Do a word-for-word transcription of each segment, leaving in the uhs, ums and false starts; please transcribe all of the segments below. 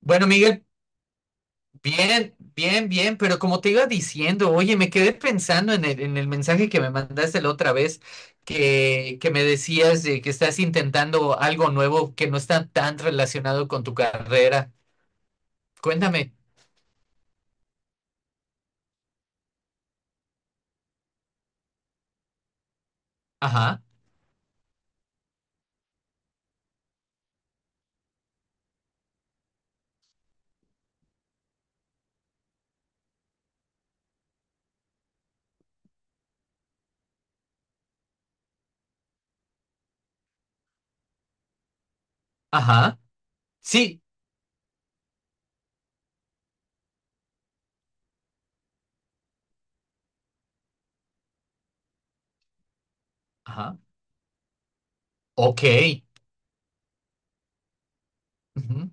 Bueno, Miguel, bien, bien, bien, pero como te iba diciendo, oye, me quedé pensando en el, en el mensaje que me mandaste la otra vez, que, que me decías de que estás intentando algo nuevo que no está tan relacionado con tu carrera. Cuéntame. Ajá. Ajá. Sí. Ajá. Ok. Ujú.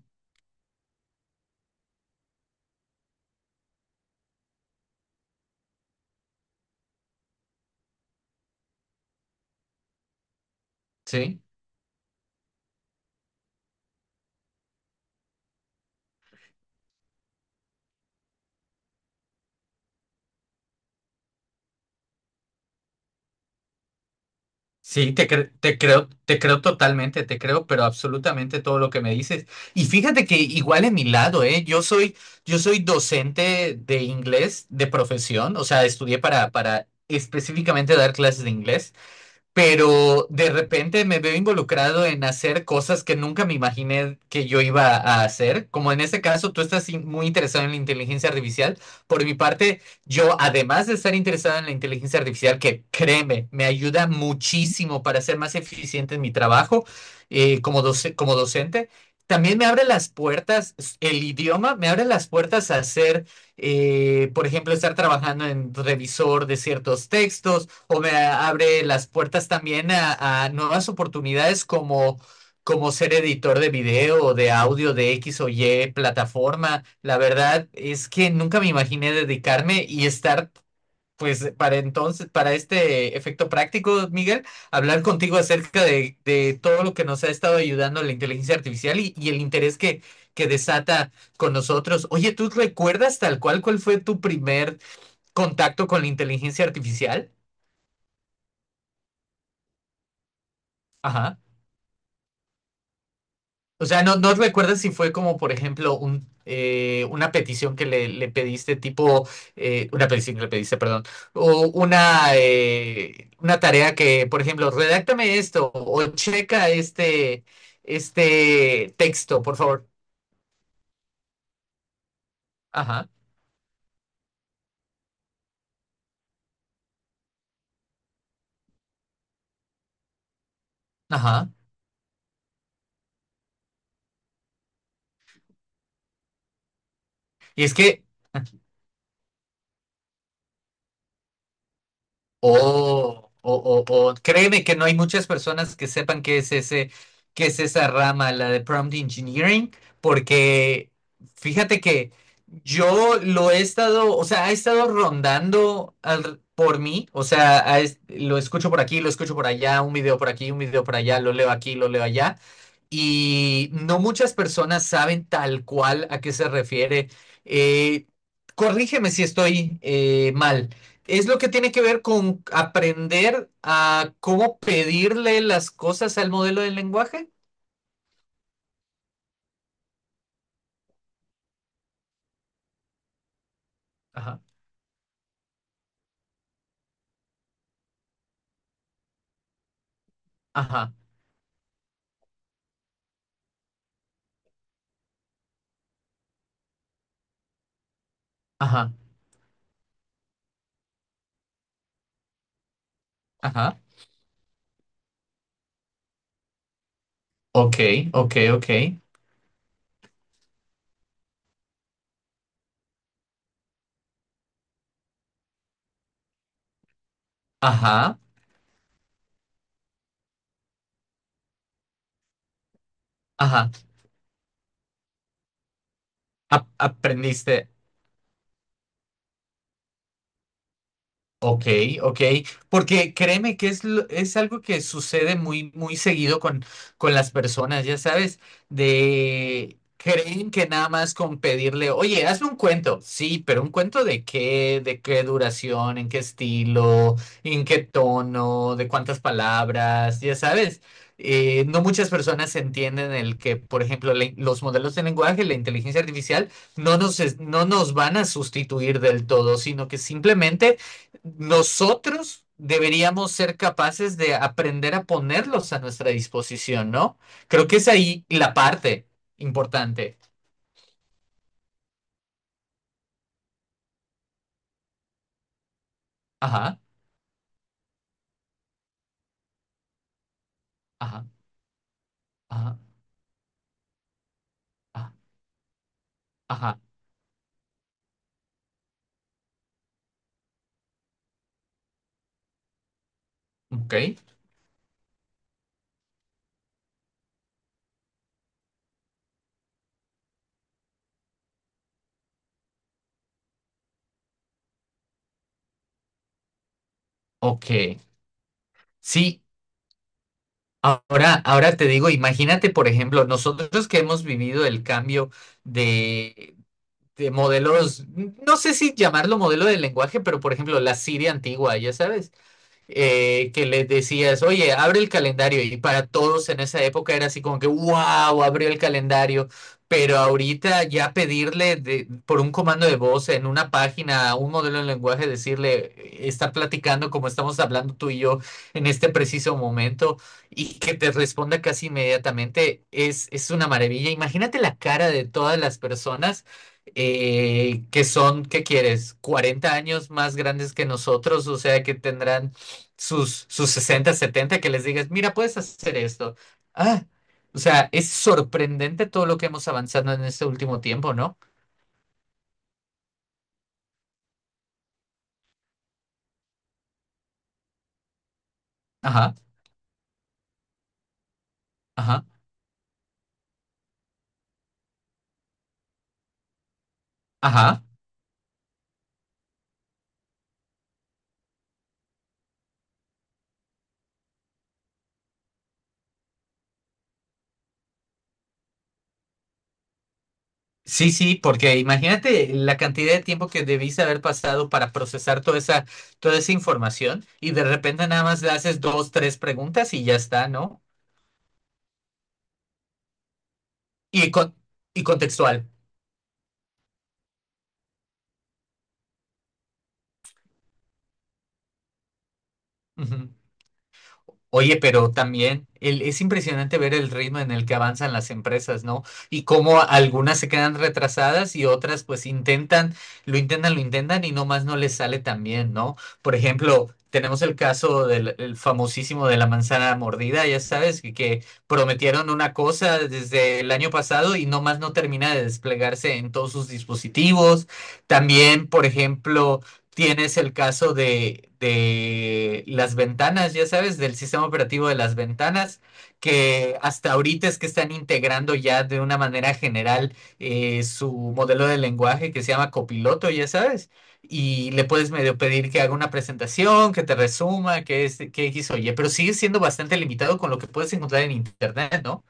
Sí. Sí, te cre- te creo, te creo totalmente, te creo, pero absolutamente todo lo que me dices. Y fíjate que igual en mi lado, ¿eh? Yo soy, yo soy docente de inglés de profesión, o sea, estudié para, para específicamente dar clases de inglés, pero de repente me veo involucrado en hacer cosas que nunca me imaginé que yo iba a hacer, como en este caso tú estás in- muy interesado en la inteligencia artificial. Por mi parte, yo además de estar interesado en la inteligencia artificial, que créeme, me ayuda muchísimo para ser más eficiente en mi trabajo eh, como doce- como docente. También me abre las puertas, el idioma me abre las puertas a hacer, eh, por ejemplo, estar trabajando en revisor de ciertos textos, o me abre las puertas también a, a nuevas oportunidades como, como ser editor de video o de audio de X o Y plataforma. La verdad es que nunca me imaginé dedicarme y estar, pues, para entonces, para este efecto práctico, Miguel, hablar contigo acerca de, de todo lo que nos ha estado ayudando la inteligencia artificial y, y el interés que, que desata con nosotros. Oye, ¿tú recuerdas tal cual cuál fue tu primer contacto con la inteligencia artificial? Ajá. O sea, ¿no, no recuerdas si fue como, por ejemplo, un, eh, una petición que le, le pediste, tipo, eh, una petición que le pediste, perdón, o una, eh, una tarea que, por ejemplo, redáctame esto o checa este, este texto, por favor? Ajá. Ajá. Y es que, O, o, o, o- Créeme que no hay muchas personas que sepan qué es ese, qué es esa rama, la de prompt engineering, porque fíjate que yo lo he estado, o sea, ha estado rondando al- por mí, o sea, ha es- lo escucho por aquí, lo escucho por allá, un video por aquí, un video por allá, lo leo aquí, lo leo allá, y no muchas personas saben tal cual a qué se refiere. Eh, Corrígeme si estoy eh, mal. Es lo que tiene que ver con aprender a cómo pedirle las cosas al modelo del lenguaje. Ajá. Ajá. Ajá. Ajá. Ok. Ok. Ok. Ajá. Ajá. A- aprendiste. Ok. Ok. Porque créeme que es, lo- es algo que sucede muy, muy seguido con, con las personas, ya sabes, de creen que nada más con pedirle, oye, hazme un cuento, sí, pero un cuento de qué, de qué duración, en qué estilo, en qué tono, de cuántas palabras, ya sabes. Eh, no muchas personas entienden el que, por ejemplo, la in- los modelos de lenguaje, la inteligencia artificial, no nos, es- no nos van a sustituir del todo, sino que simplemente nosotros deberíamos ser capaces de aprender a ponerlos a nuestra disposición, ¿no? Creo que es ahí la parte importante. Ajá. Ajá. Ajá. Ajá. Ajá. Ok. Ok. Sí, ahora, ahora te digo, imagínate, por ejemplo, nosotros que hemos vivido el cambio de, de modelos, no sé si llamarlo modelo de lenguaje, pero por ejemplo, la Siria antigua, ya sabes, eh, que les decías, oye, abre el calendario. Y para todos en esa época era así como que, wow, abrió el calendario. Pero ahorita ya pedirle de- por un comando de voz en una página, un modelo de lenguaje, decirle, eh, está platicando como estamos hablando tú y yo en este preciso momento y que te responda casi inmediatamente, es, es una maravilla. Imagínate la cara de todas las personas, eh, que son, ¿qué quieres?, cuarenta años más grandes que nosotros, o sea, que tendrán sus, sus sesenta setenta, que les digas, mira, puedes hacer esto. Ah, o sea, es sorprendente todo lo que hemos avanzado en este último tiempo, ¿no? Ajá. Ajá. Ajá. Sí, sí, porque imagínate la cantidad de tiempo que debiste haber pasado para procesar toda esa, toda esa información, y de repente nada más le haces dos, tres preguntas y ya está, ¿no? Y, con, y contextual. Ujú. Oye, pero también el- es impresionante ver el ritmo en el que avanzan las empresas, ¿no? Y cómo algunas se quedan retrasadas y otras pues intentan, lo intentan, lo intentan, y nomás no les sale tan bien, ¿no? Por ejemplo, tenemos el caso del el famosísimo de la manzana mordida, ya sabes, que, que prometieron una cosa desde el año pasado y nomás no termina de desplegarse en todos sus dispositivos. También, por ejemplo. Tienes el caso de, de las ventanas, ya sabes, del sistema operativo de las ventanas, que hasta ahorita es que están integrando ya de una manera general, eh, su modelo de lenguaje que se llama Copiloto, ya sabes, y le puedes medio pedir que haga una presentación, que te resuma, que es, que X o Y, pero sigue siendo bastante limitado con lo que puedes encontrar en internet, ¿no?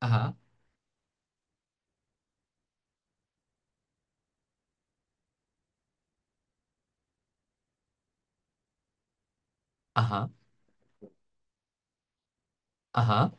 Ajá. Ajá. Ajá.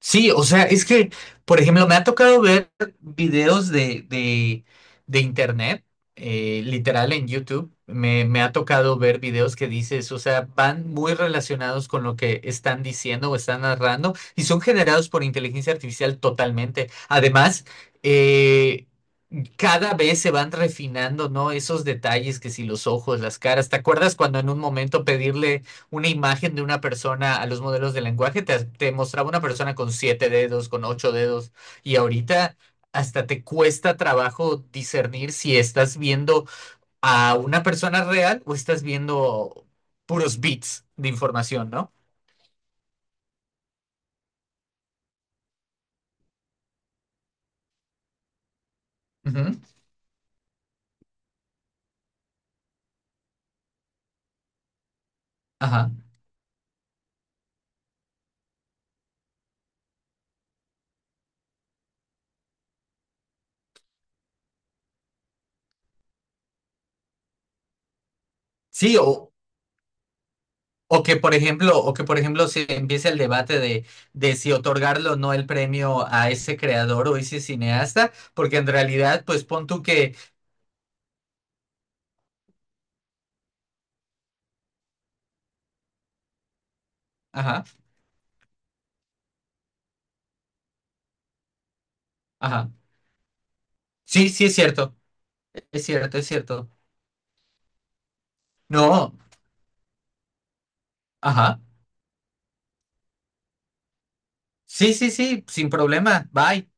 Sí, o sea, es que, por ejemplo, me ha tocado ver videos de, de, de internet, eh, literal en YouTube. Me, me ha tocado ver videos que dices, o sea, van muy relacionados con lo que están diciendo o están narrando, y son generados por inteligencia artificial totalmente. Además, eh, cada vez se van refinando, ¿no? Esos detalles que si los ojos, las caras, ¿te acuerdas cuando en un momento pedirle una imagen de una persona a los modelos de lenguaje, te, te mostraba una persona con siete dedos, con ocho dedos, y ahorita hasta te cuesta trabajo discernir si estás viendo a una persona real o estás viendo puros bits de información, ¿no? Ujú. Ajá. Sí, o, o que por ejemplo, o que por ejemplo se empiece el debate de, de si otorgarlo o no el premio a ese creador o ese cineasta, porque en realidad, pues pon tú que, ajá, ajá. Sí, sí es cierto. Es cierto, es cierto. No. Ajá. Sí, sí, sí, sin problema. Bye.